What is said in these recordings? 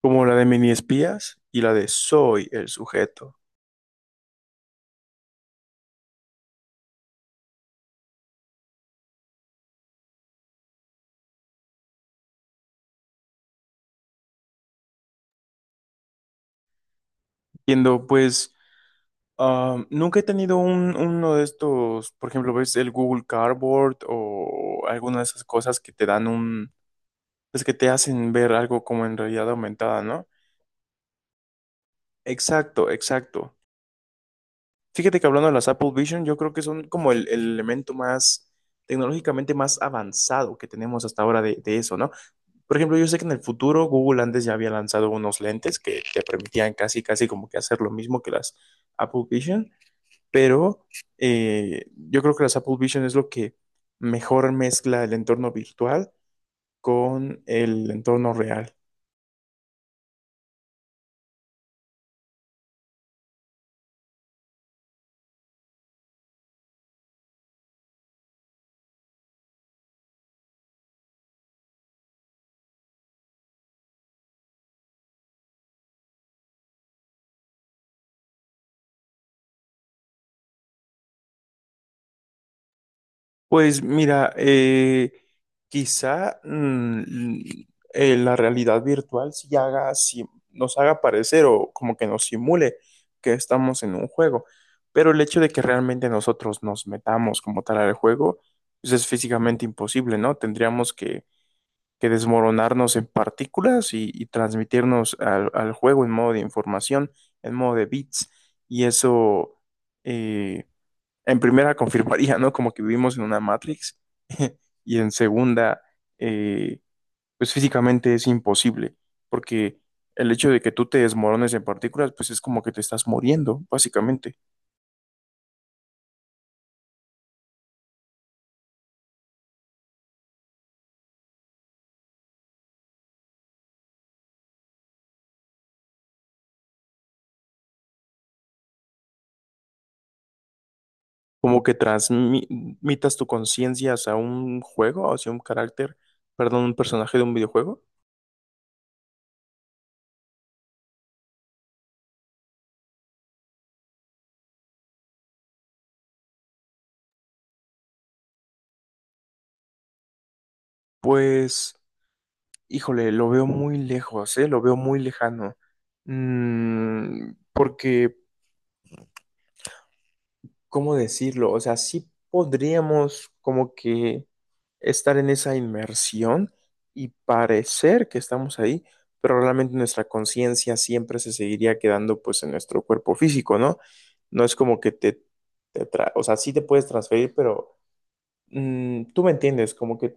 Como la de Mini Espías y la de Soy el sujeto. Entiendo. Pues nunca he tenido uno de estos. Por ejemplo, ves el Google Cardboard o alguna de esas cosas que te dan un, pues que te hacen ver algo como en realidad aumentada, ¿no? Exacto, exacto. Fíjate que hablando de las Apple Vision, yo creo que son como el elemento más tecnológicamente más avanzado que tenemos hasta ahora de eso, ¿no? Por ejemplo, yo sé que en el futuro Google antes ya había lanzado unos lentes que te permitían casi, casi como que hacer lo mismo que las Apple Vision, pero yo creo que las Apple Vision es lo que mejor mezcla el entorno virtual con el entorno real. Pues mira, quizá la realidad virtual sí haga, sí nos haga parecer o como que nos simule que estamos en un juego, pero el hecho de que realmente nosotros nos metamos como tal al juego, pues es físicamente imposible, ¿no? Tendríamos que desmoronarnos en partículas y transmitirnos al, al juego en modo de información, en modo de bits, y eh, en primera confirmaría, ¿no? Como que vivimos en una Matrix. Y en segunda, eh, pues físicamente es imposible, porque el hecho de que tú te desmorones en partículas, pues es como que te estás muriendo, básicamente, como que transmitas tu conciencia hacia un juego, hacia un carácter, perdón, un personaje de un videojuego. Pues, híjole, lo veo muy lejos, ¿eh? Lo veo muy lejano. Porque ¿cómo decirlo? O sea, sí podríamos como que estar en esa inmersión y parecer que estamos ahí, pero realmente nuestra conciencia siempre se seguiría quedando pues en nuestro cuerpo físico, ¿no? No es como que o sea, sí te puedes transferir, pero tú me entiendes, como que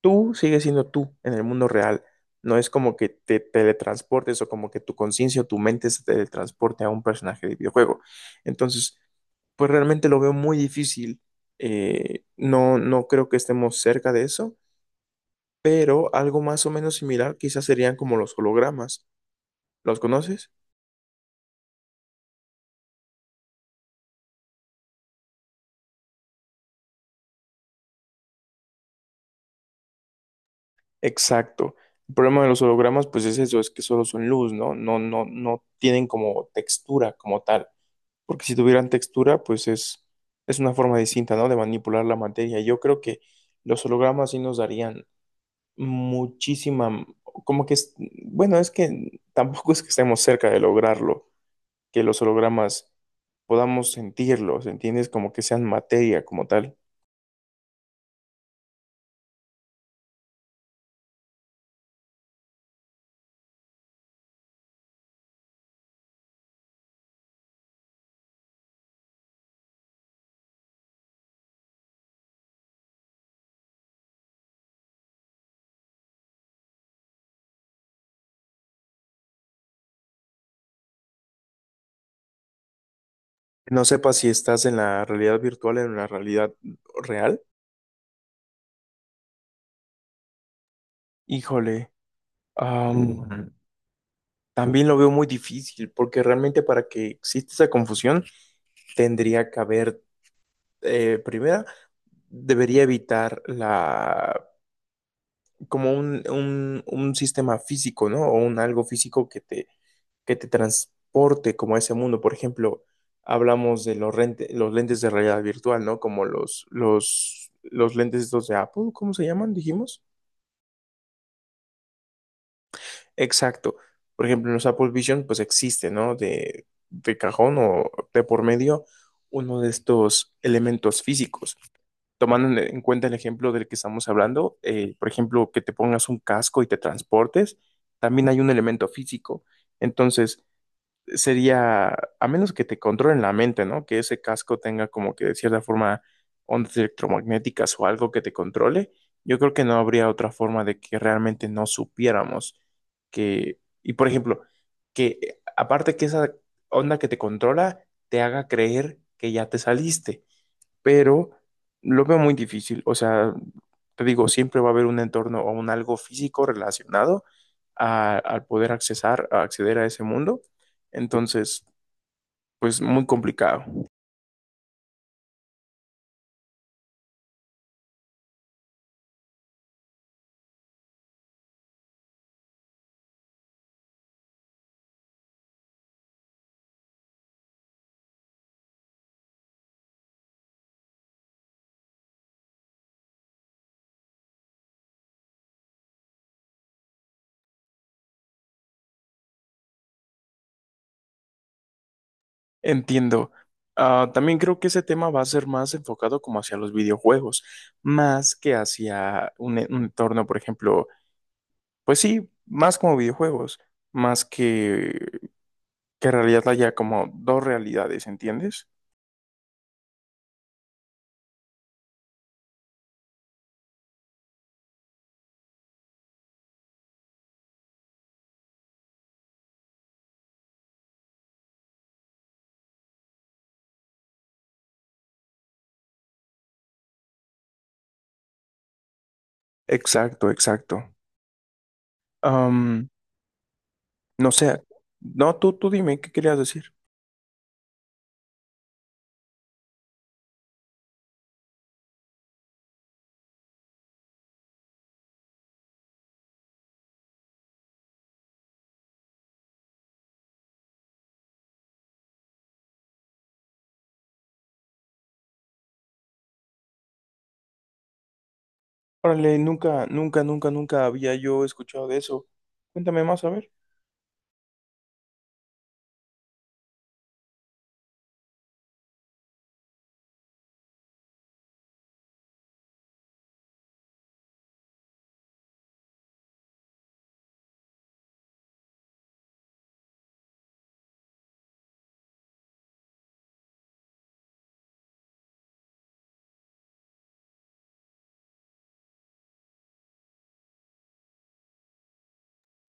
tú sigues siendo tú en el mundo real. No es como que te teletransportes o como que tu conciencia o tu mente se teletransporte a un personaje de videojuego. Entonces, pues realmente lo veo muy difícil. No, no creo que estemos cerca de eso, pero algo más o menos similar quizás serían como los hologramas. ¿Los conoces? Exacto. El problema de los hologramas, pues es eso, es que solo son luz, ¿no? No, no, no tienen como textura como tal. Porque si tuvieran textura, pues es una forma distinta, ¿no? De manipular la materia. Yo creo que los hologramas sí nos darían muchísima, como que, bueno, es que tampoco es que estemos cerca de lograrlo que los hologramas podamos sentirlos, ¿entiendes? Como que sean materia como tal. No sepa si estás en la realidad virtual o en la realidad real. Híjole, am, también lo veo muy difícil porque realmente para que exista esa confusión tendría que haber, primera, debería evitar la, como un sistema físico, ¿no? O un algo físico que te transporte como a ese mundo. Por ejemplo, hablamos de los lentes de realidad virtual, ¿no? Como los lentes estos de Apple, ¿cómo se llaman? Dijimos. Exacto. Por ejemplo, en los Apple Vision, pues existe, ¿no? De cajón o de por medio uno de estos elementos físicos. Tomando en cuenta el ejemplo del que estamos hablando, por ejemplo, que te pongas un casco y te transportes, también hay un elemento físico. Entonces, sería, a menos que te controlen la mente, ¿no? Que ese casco tenga como que de cierta forma ondas electromagnéticas o algo que te controle, yo creo que no habría otra forma de que realmente no supiéramos que, y por ejemplo, que aparte que esa onda que te controla te haga creer que ya te saliste, pero lo veo muy difícil. O sea, te digo, siempre va a haber un entorno o un algo físico relacionado al poder accesar, a acceder a ese mundo. Entonces, pues muy complicado. Entiendo. Ah, también creo que ese tema va a ser más enfocado como hacia los videojuegos, más que hacia un, un entorno. Por ejemplo, pues sí, más como videojuegos, más que en realidad haya como dos realidades, ¿entiendes? Exacto, exacto. No sé, no, tú dime, ¿qué querías decir? Órale, nunca, nunca, nunca, nunca había yo escuchado de eso. Cuéntame más, a ver.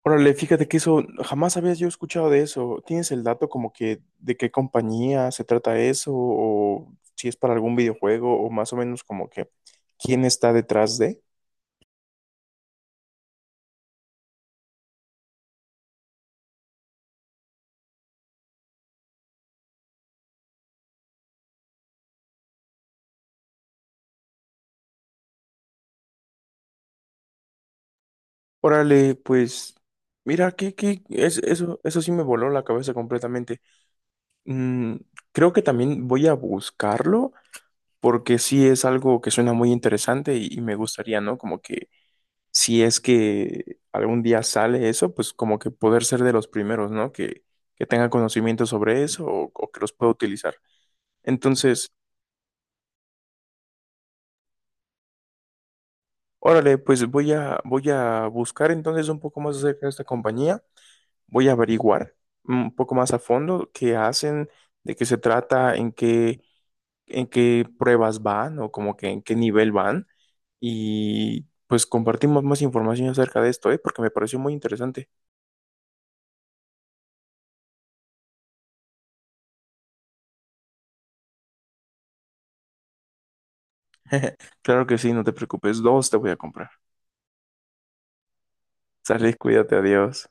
Órale, fíjate que eso, jamás había yo escuchado de eso. ¿Tienes el dato como que de qué compañía se trata eso? ¿O si es para algún videojuego? ¿O más o menos como que quién está detrás de? Órale, pues, mira, que es, eso sí me voló la cabeza completamente. Mm, Creo que también voy a buscarlo porque sí es algo que suena muy interesante y me gustaría, ¿no? Como que si es que algún día sale eso, pues como que poder ser de los primeros, ¿no? Que tenga conocimiento sobre eso o que los pueda utilizar. Entonces, órale, pues voy a, voy a buscar entonces un poco más acerca de esta compañía, voy a averiguar un poco más a fondo qué hacen, de qué se trata, en qué pruebas van o como que en qué nivel van. Y pues compartimos más información acerca de esto, ¿eh? Porque me pareció muy interesante. Claro que sí, no te preocupes, dos te voy a comprar. Sale, cuídate, adiós.